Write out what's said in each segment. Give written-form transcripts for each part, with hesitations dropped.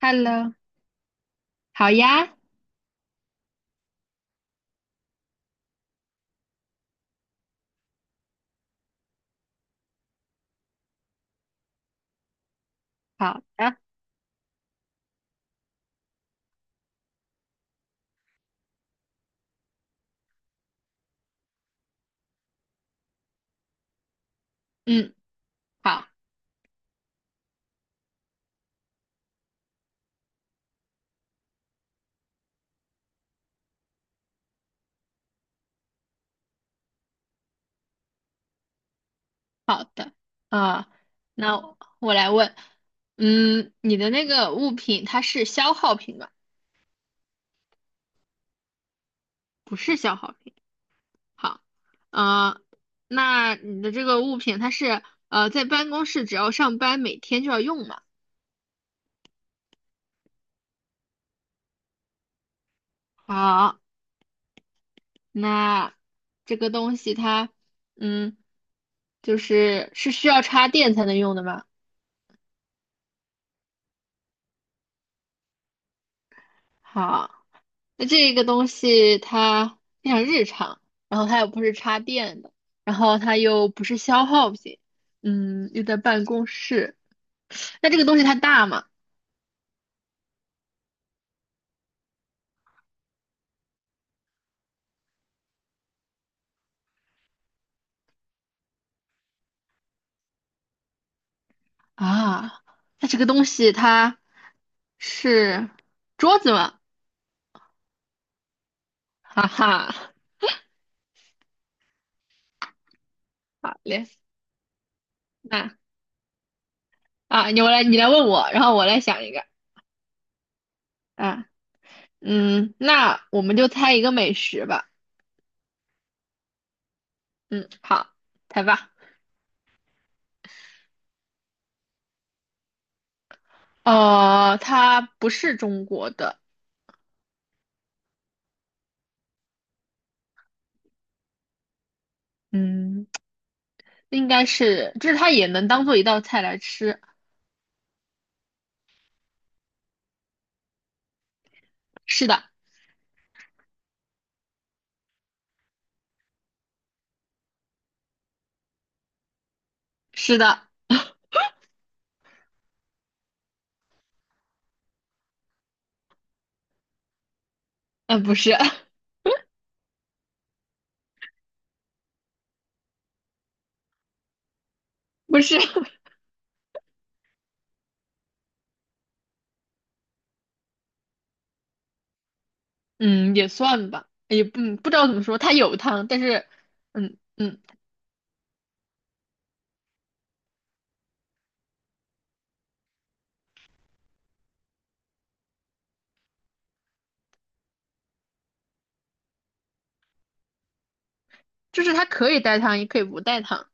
Hello，好呀，好的，嗯，好，好的，啊、那我来问，嗯，你的那个物品它是消耗品吧？不是消耗品。好，啊，那你的这个物品它是在办公室只要上班每天就要用嘛？好，那这个东西它，嗯，就是需要插电才能用的吗？好。那这个东西它非常日常，然后它又不是插电的，然后它又不是消耗品，嗯，又在办公室。那这个东西它大吗？啊，那这个东西它是桌子吗？哈哈，好嘞，那啊，你我来你来问我，然后我来想一个啊，嗯，那我们就猜一个美食吧，嗯，好，猜吧。呃，它不是中国的，嗯。应该是，就是它也能当做一道菜来吃。是的，是的，嗯、不是，不是，嗯，也算吧，也不、嗯、不知道怎么说，它有汤，但是，嗯嗯，就是它可以带汤，也可以不带汤。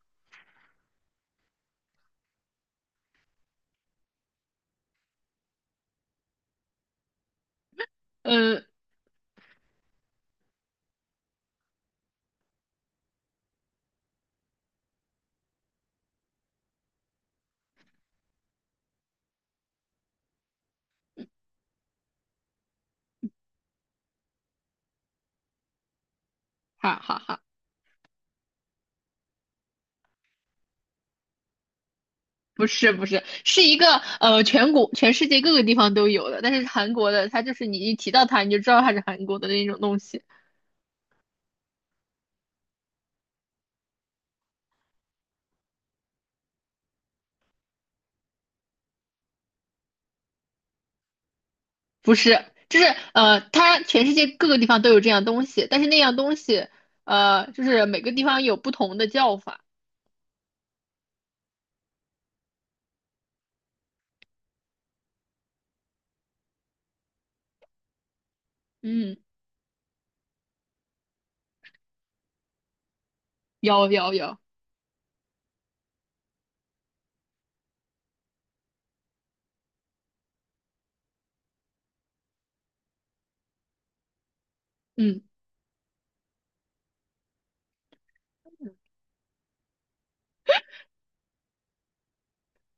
嗯，好好好，不是，是一个，全国全世界各个地方都有的，但是韩国的它就是你一提到它，你就知道它是韩国的那种东西。不是，就是呃，它全世界各个地方都有这样东西，但是那样东西，呃，就是每个地方有不同的叫法。嗯，有有有，嗯，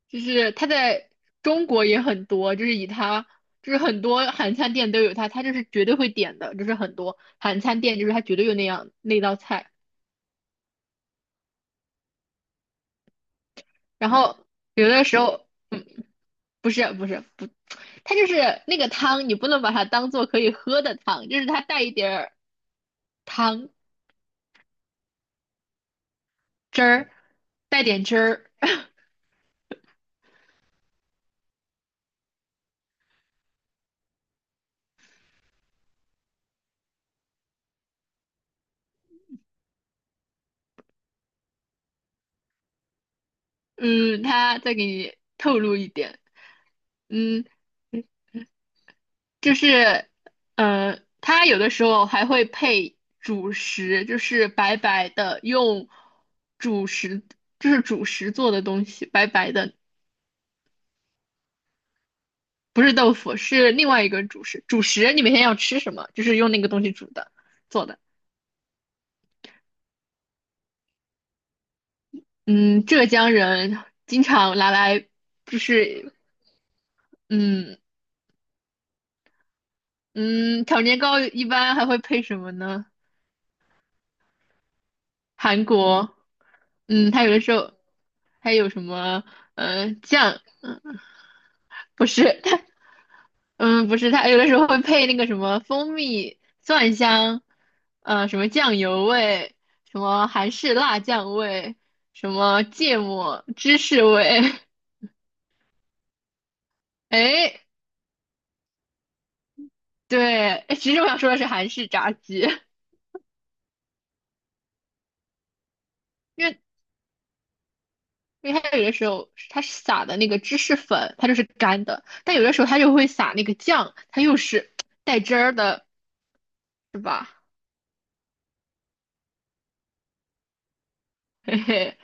就是它在中国也很多，就是以它，就是很多韩餐店都有它，它就是绝对会点的，就是很多韩餐店就是它绝对有那样那道菜。然后有的时候，嗯，不是不是不，它就是那个汤，你不能把它当做可以喝的汤，就是它带一点儿汤汁儿，带点汁儿。嗯，他再给你透露一点，嗯，就是，呃，他有的时候还会配主食，就是白白的用主食，就是主食做的东西，白白的，不是豆腐，是另外一个主食。主食你每天要吃什么？就是用那个东西煮的做的。嗯，浙江人经常拿来，就是，嗯嗯，炒年糕一般还会配什么呢？韩国，嗯，它有的时候还有什么，呃，酱，不是它，嗯，不是它，有的时候会配那个什么蜂蜜、蒜香，呃，什么酱油味，什么韩式辣酱味，什么芥末芝士味，哎，对，哎，其实我想说的是韩式炸鸡，因为因为它有的时候它是撒的那个芝士粉，它就是干的，但有的时候它就会撒那个酱，它又是带汁儿的，是吧？嘿嘿，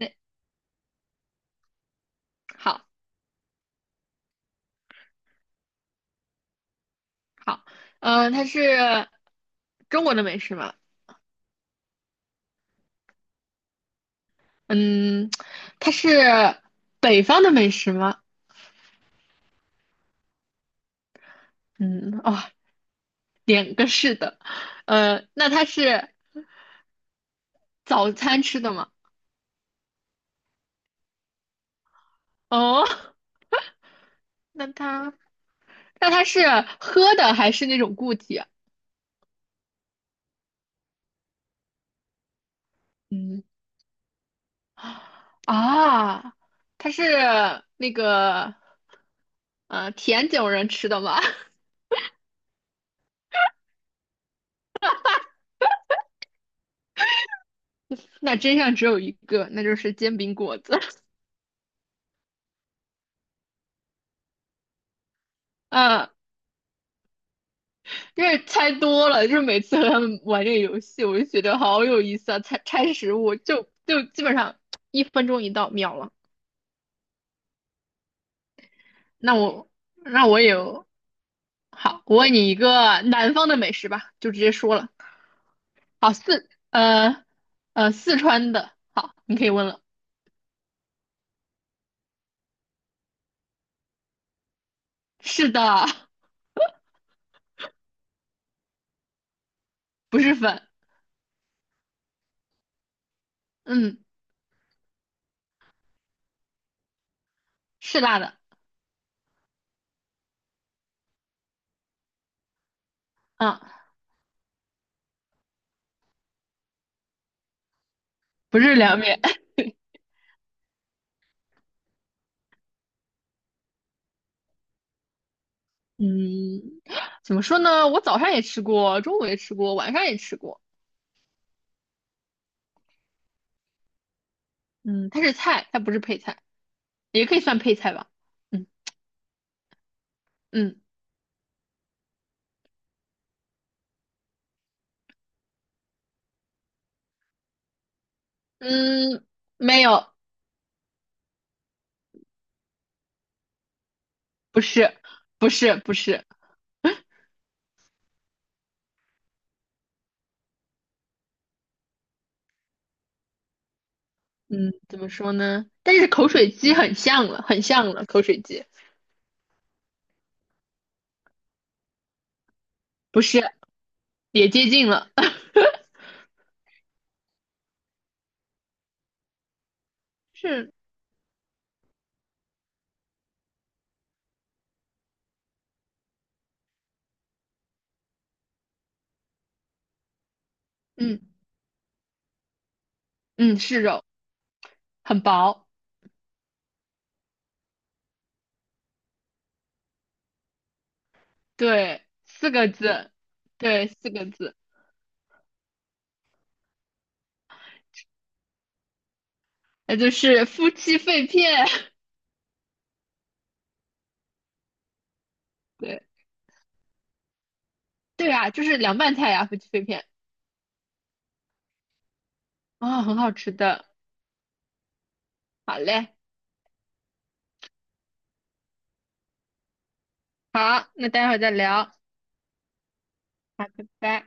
那好好，它是中国的美食吗？嗯，它是北方的美食吗？嗯，哦，两个是的，呃，那它是早餐吃的吗？哦 那它那它是喝的还是那种固体啊嗯，啊，它是那个甜酒人吃的吗？那真相只有一个，那就是煎饼果子。嗯因为猜多了，就是每次和他们玩这个游戏，我就觉得好有意思啊！猜猜食物，就基本上一分钟一到，秒了。那我那我也有好，我问你一个南方的美食吧，就直接说了。好，四川的，好，你可以问了。是的，不是粉，嗯，是辣的，嗯，不是凉面，嗯，怎么说呢？我早上也吃过，中午也吃过，晚上也吃过，嗯，它是菜，它不是配菜。也可以算配菜吧。嗯嗯嗯，没有，不是，不是，不是。嗯，怎么说呢？但是口水鸡很像了，很像了，口水鸡不是，也接近了，是，嗯嗯，是肉，很薄，对，四个字，对，四个字，那就是夫妻肺片，对对啊，就是凉拌菜呀、夫妻肺片啊、很好吃的。好嘞，好，那待会儿再聊，好，拜拜。